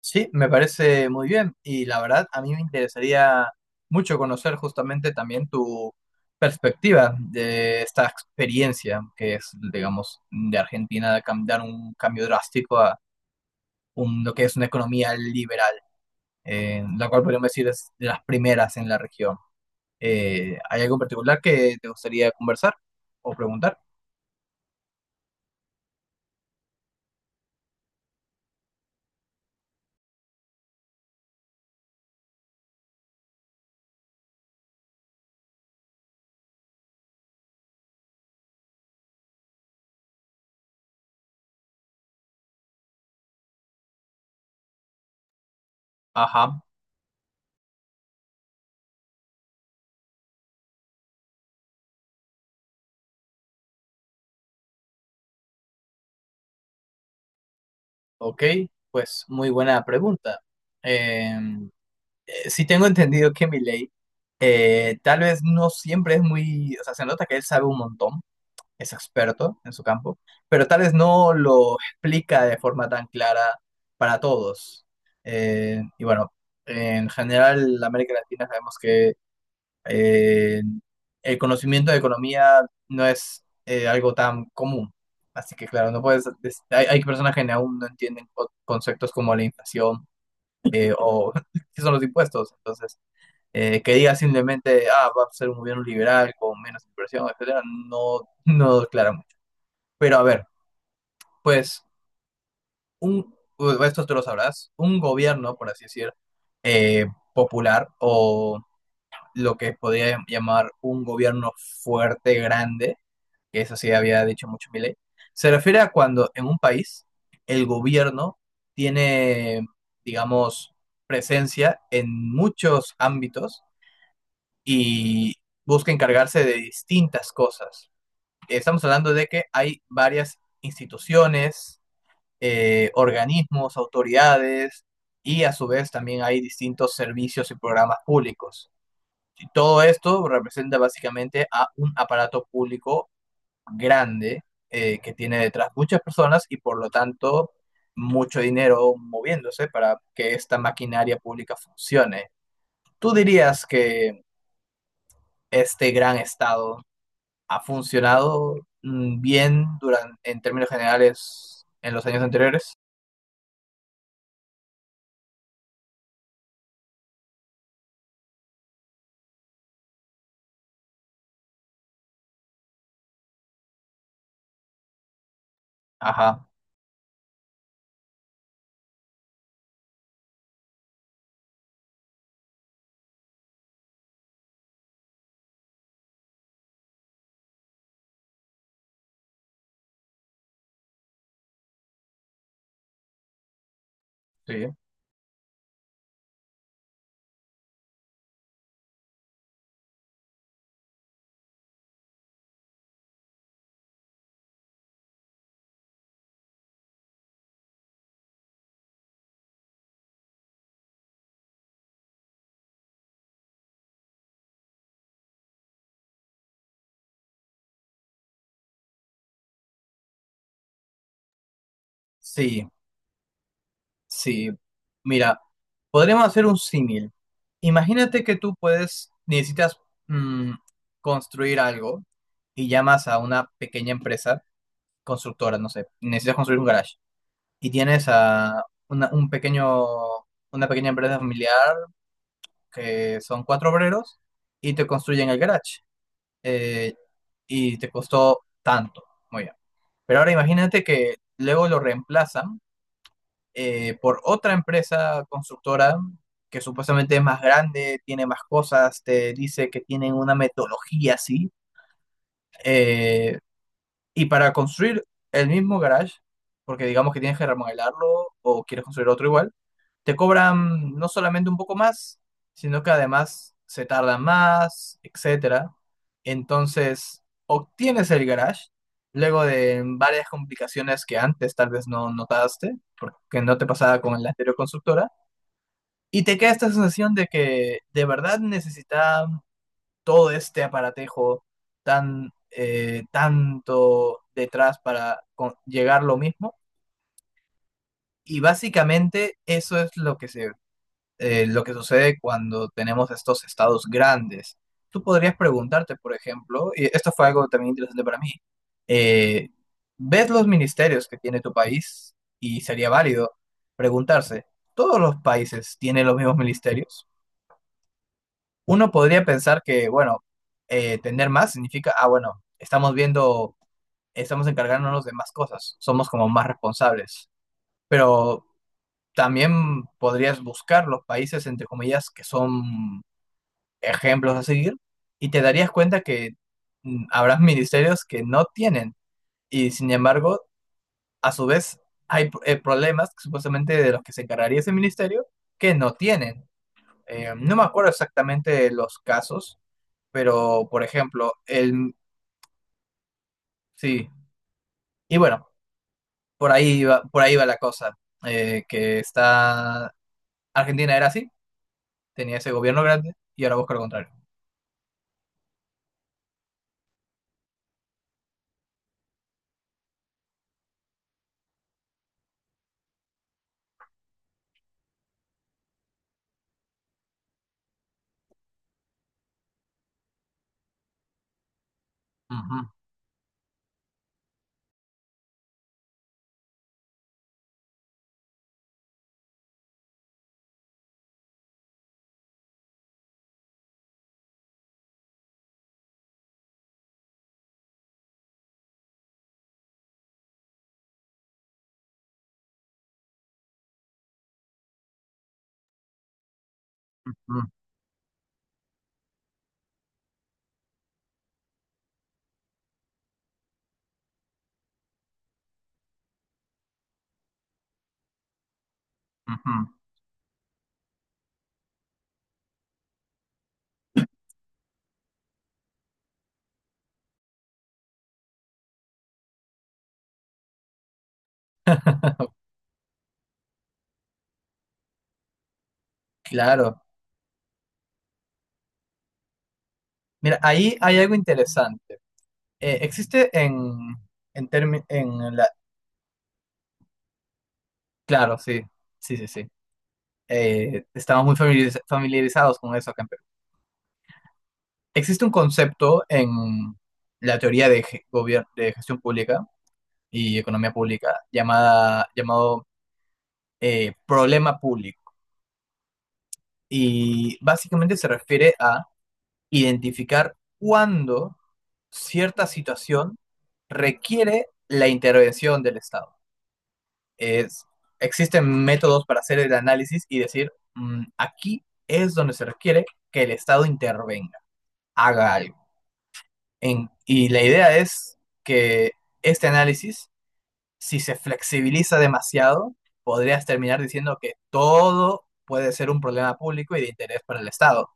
Sí, me parece muy bien y la verdad a mí me interesaría mucho conocer justamente también tu perspectiva de esta experiencia que es, digamos, de Argentina de dar un cambio drástico a lo que es una economía liberal, la cual podríamos decir es de las primeras en la región. ¿Hay algo en particular que te gustaría conversar o preguntar? Ajá, ok, pues muy buena pregunta. Sí tengo entendido que Milei tal vez no siempre es muy, o sea, se nota que él sabe un montón, es experto en su campo, pero tal vez no lo explica de forma tan clara para todos. Y bueno, en general, la América Latina sabemos que eh, el conocimiento de economía no es algo tan común. Así que claro, no puedes, hay, hay personas que aún no entienden conceptos como la inflación o qué son los impuestos. Entonces, que diga simplemente, ah, va a ser un gobierno liberal con menos inversión, etcétera, no, no declara mucho. Pero a ver, pues, esto tú lo sabrás, un gobierno, por así decir, eh, popular o lo que podría llamar un gobierno fuerte, grande, que eso sí había dicho mucho Milei, se refiere a cuando en un país el gobierno tiene, digamos, presencia en muchos ámbitos y busca encargarse de distintas cosas. Estamos hablando de que hay varias instituciones, organismos, autoridades y a su vez también hay distintos servicios y programas públicos. Y todo esto representa básicamente a un aparato público grande que tiene detrás muchas personas y por lo tanto mucho dinero moviéndose para que esta maquinaria pública funcione. ¿Tú dirías que este gran Estado ha funcionado bien durante, en términos generales en los años anteriores? Ajá, sí. Sí, sí. Mira, podríamos hacer un símil. Imagínate que tú puedes, necesitas mm, construir algo y llamas a una pequeña empresa constructora, no sé, necesitas construir un garage y tienes a una, un pequeño, una pequeña empresa familiar que son cuatro obreros y te construyen el garage. eh, y te costó tanto. Muy bien. Pero ahora imagínate que luego lo reemplazan por otra empresa constructora que supuestamente es más grande, tiene más cosas, te dice que tienen una metodología así. eh, y para construir el mismo garage, porque digamos que tienes que remodelarlo o quieres construir otro igual, te cobran no solamente un poco más, sino que además se tardan más, etcétera. Entonces, obtienes el garage luego de varias complicaciones que antes tal vez no notaste, porque no te pasaba con la anterior constructora, y te queda esta sensación de que de verdad necesita todo este aparatejo tan tanto detrás para llegar lo mismo. Y básicamente eso es lo que se lo que sucede cuando tenemos estos estados grandes. Tú podrías preguntarte, por ejemplo, y esto fue algo también interesante para mí, eh, ves los ministerios que tiene tu país y sería válido preguntarse, ¿todos los países tienen los mismos ministerios? Uno podría pensar que, bueno, tener más significa, ah, bueno, estamos viendo, estamos encargándonos de más cosas, somos como más responsables, pero también podrías buscar los países, entre comillas, que son ejemplos a seguir y te darías cuenta que habrá ministerios que no tienen y sin embargo, a su vez, hay problemas supuestamente de los que se encargaría ese ministerio que no tienen. No me acuerdo exactamente de los casos, pero por ejemplo, el... Sí, y bueno, por ahí va la cosa, que está... Argentina era así, tenía ese gobierno grande y ahora busca lo contrario. Ujú, ujú, ujú. Claro. Mira, ahí hay algo interesante. Existe en la... Claro, sí, sí, sí, sí. Estamos muy familiarizados con eso acá en Perú. Existe un concepto en la teoría de, de gestión pública y economía pública llamada, llamado problema público. Y básicamente se refiere a identificar cuándo cierta situación requiere la intervención del Estado. es, Existen métodos para hacer el análisis y decir, mm, aquí es donde se requiere que el Estado intervenga, haga algo. Y la idea es que este análisis, si se flexibiliza demasiado, podrías terminar diciendo que todo puede ser un problema público y de interés para el Estado.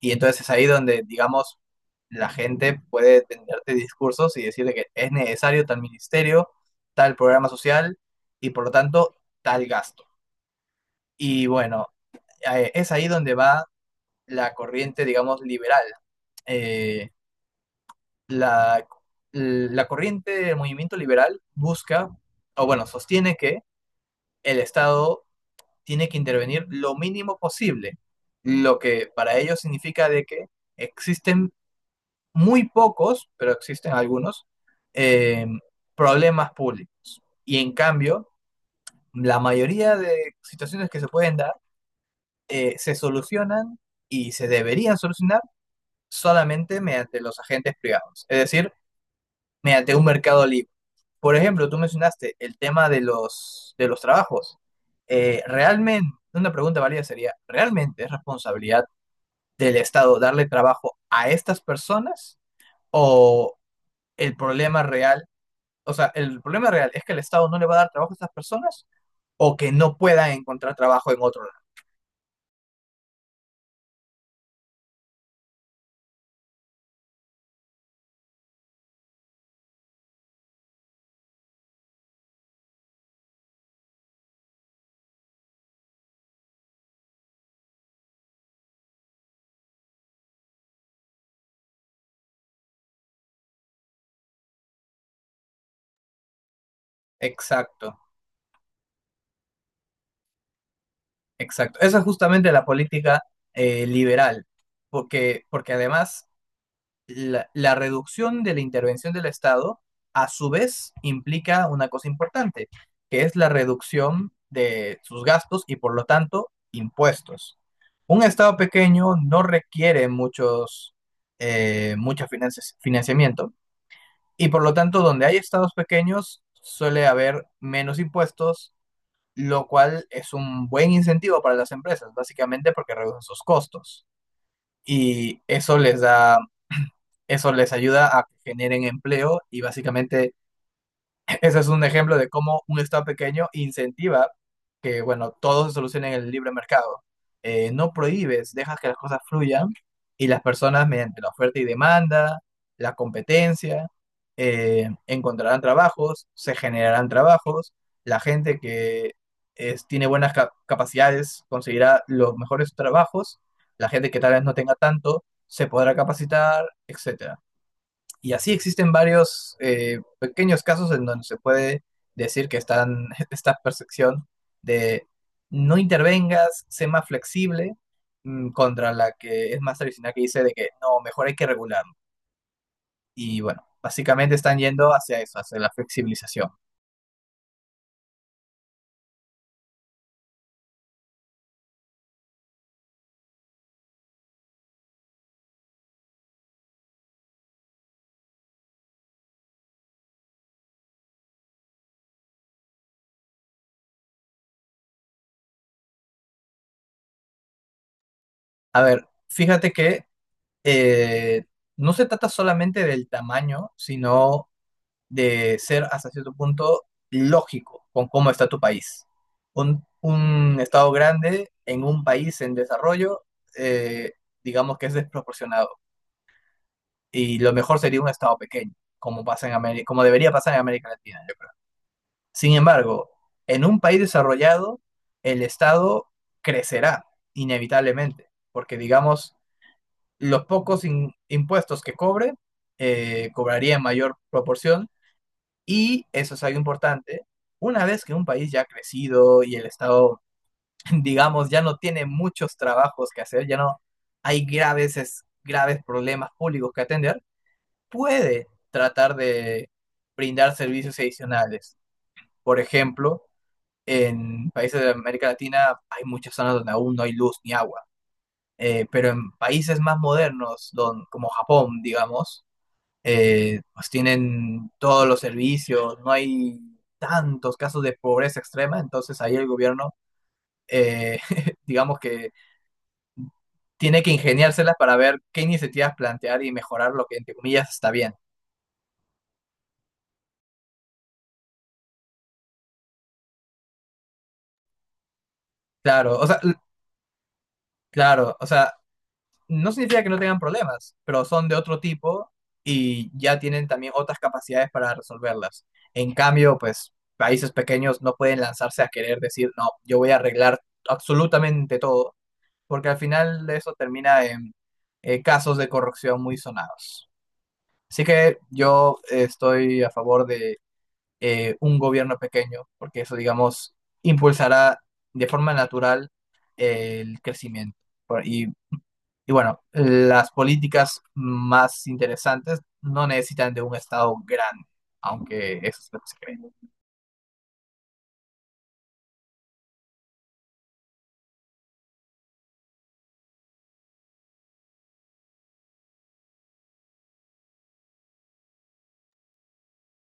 Y entonces es ahí donde, digamos, la gente puede tenderte discursos y decirle que es necesario tal ministerio, tal programa social y por lo tanto tal gasto. Y bueno, es ahí donde va la corriente, digamos, liberal. Eh, la, la corriente del movimiento liberal busca, o bueno, sostiene que el Estado tiene que intervenir lo mínimo posible, lo que para ellos significa de que existen muy pocos, pero existen algunos, eh, problemas públicos. Y en cambio, la mayoría de situaciones que se pueden dar se solucionan y se deberían solucionar solamente mediante los agentes privados, es decir, mediante un mercado libre. Por ejemplo, tú mencionaste el tema de de los trabajos. Realmente, una pregunta válida sería, ¿realmente es responsabilidad del Estado darle trabajo a estas personas? ¿O el problema real, o sea, el problema real es que el Estado no le va a dar trabajo a estas personas o que no puedan encontrar trabajo en otro lado? Exacto. Exacto. Esa es justamente la política liberal, porque, porque además la reducción de la intervención del Estado a su vez implica una cosa importante, que es la reducción de sus gastos y por lo tanto impuestos. Un Estado pequeño no requiere muchos, mucho financiamiento y por lo tanto donde hay Estados pequeños suele haber menos impuestos, lo cual es un buen incentivo para las empresas, básicamente porque reducen sus costos y eso les da, eso les ayuda a que generen empleo y básicamente ese es un ejemplo de cómo un Estado pequeño incentiva que, bueno, todo se solucione en el libre mercado. No prohíbes, dejas que las cosas fluyan y las personas, mediante la oferta y demanda, la competencia, encontrarán trabajos, se generarán trabajos, la gente que tiene buenas capacidades conseguirá los mejores trabajos, la gente que tal vez no tenga tanto se podrá capacitar, etcétera. Y así existen varios pequeños casos en donde se puede decir que están esta percepción de no intervengas, sé más flexible, mm, contra la que es más tradicional que dice de que no, mejor hay que regularlo. Y bueno, básicamente están yendo hacia eso, hacia la flexibilización. A ver, fíjate que eh, no se trata solamente del tamaño, sino de ser hasta cierto punto lógico con cómo está tu país. Un Estado grande en un país en desarrollo, eh, digamos que es desproporcionado. Y lo mejor sería un Estado pequeño, como, pasa en América, como debería pasar en América Latina, yo creo. Sin embargo, en un país desarrollado, el Estado crecerá inevitablemente, porque digamos, los pocos impuestos que cobre, cobraría en mayor proporción. Y eso es algo importante. Una vez que un país ya ha crecido y el Estado, digamos, ya no tiene muchos trabajos que hacer, ya no hay graves, graves problemas públicos que atender, puede tratar de brindar servicios adicionales. Por ejemplo, en países de América Latina hay muchas zonas donde aún no hay luz ni agua. Pero en países más modernos, como Japón, digamos, pues tienen todos los servicios, no hay tantos casos de pobreza extrema, entonces ahí el gobierno, eh, digamos que tiene que ingeniárselas para ver qué iniciativas plantear y mejorar lo que entre comillas está bien. Claro, o sea, claro, o sea, no significa que no tengan problemas, pero son de otro tipo y ya tienen también otras capacidades para resolverlas. En cambio, pues países pequeños no pueden lanzarse a querer decir, no, yo voy a arreglar absolutamente todo porque al final de eso termina en casos de corrupción muy sonados. Así que yo estoy a favor de un gobierno pequeño, porque eso, digamos, impulsará de forma natural el crecimiento. Por- Y, y bueno, las políticas más interesantes no necesitan de un Estado grande, aunque eso es lo que se cree.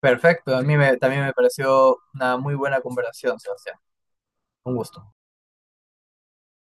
Perfecto, a mí también me pareció una muy buena conversación, Sebastián. Un gusto.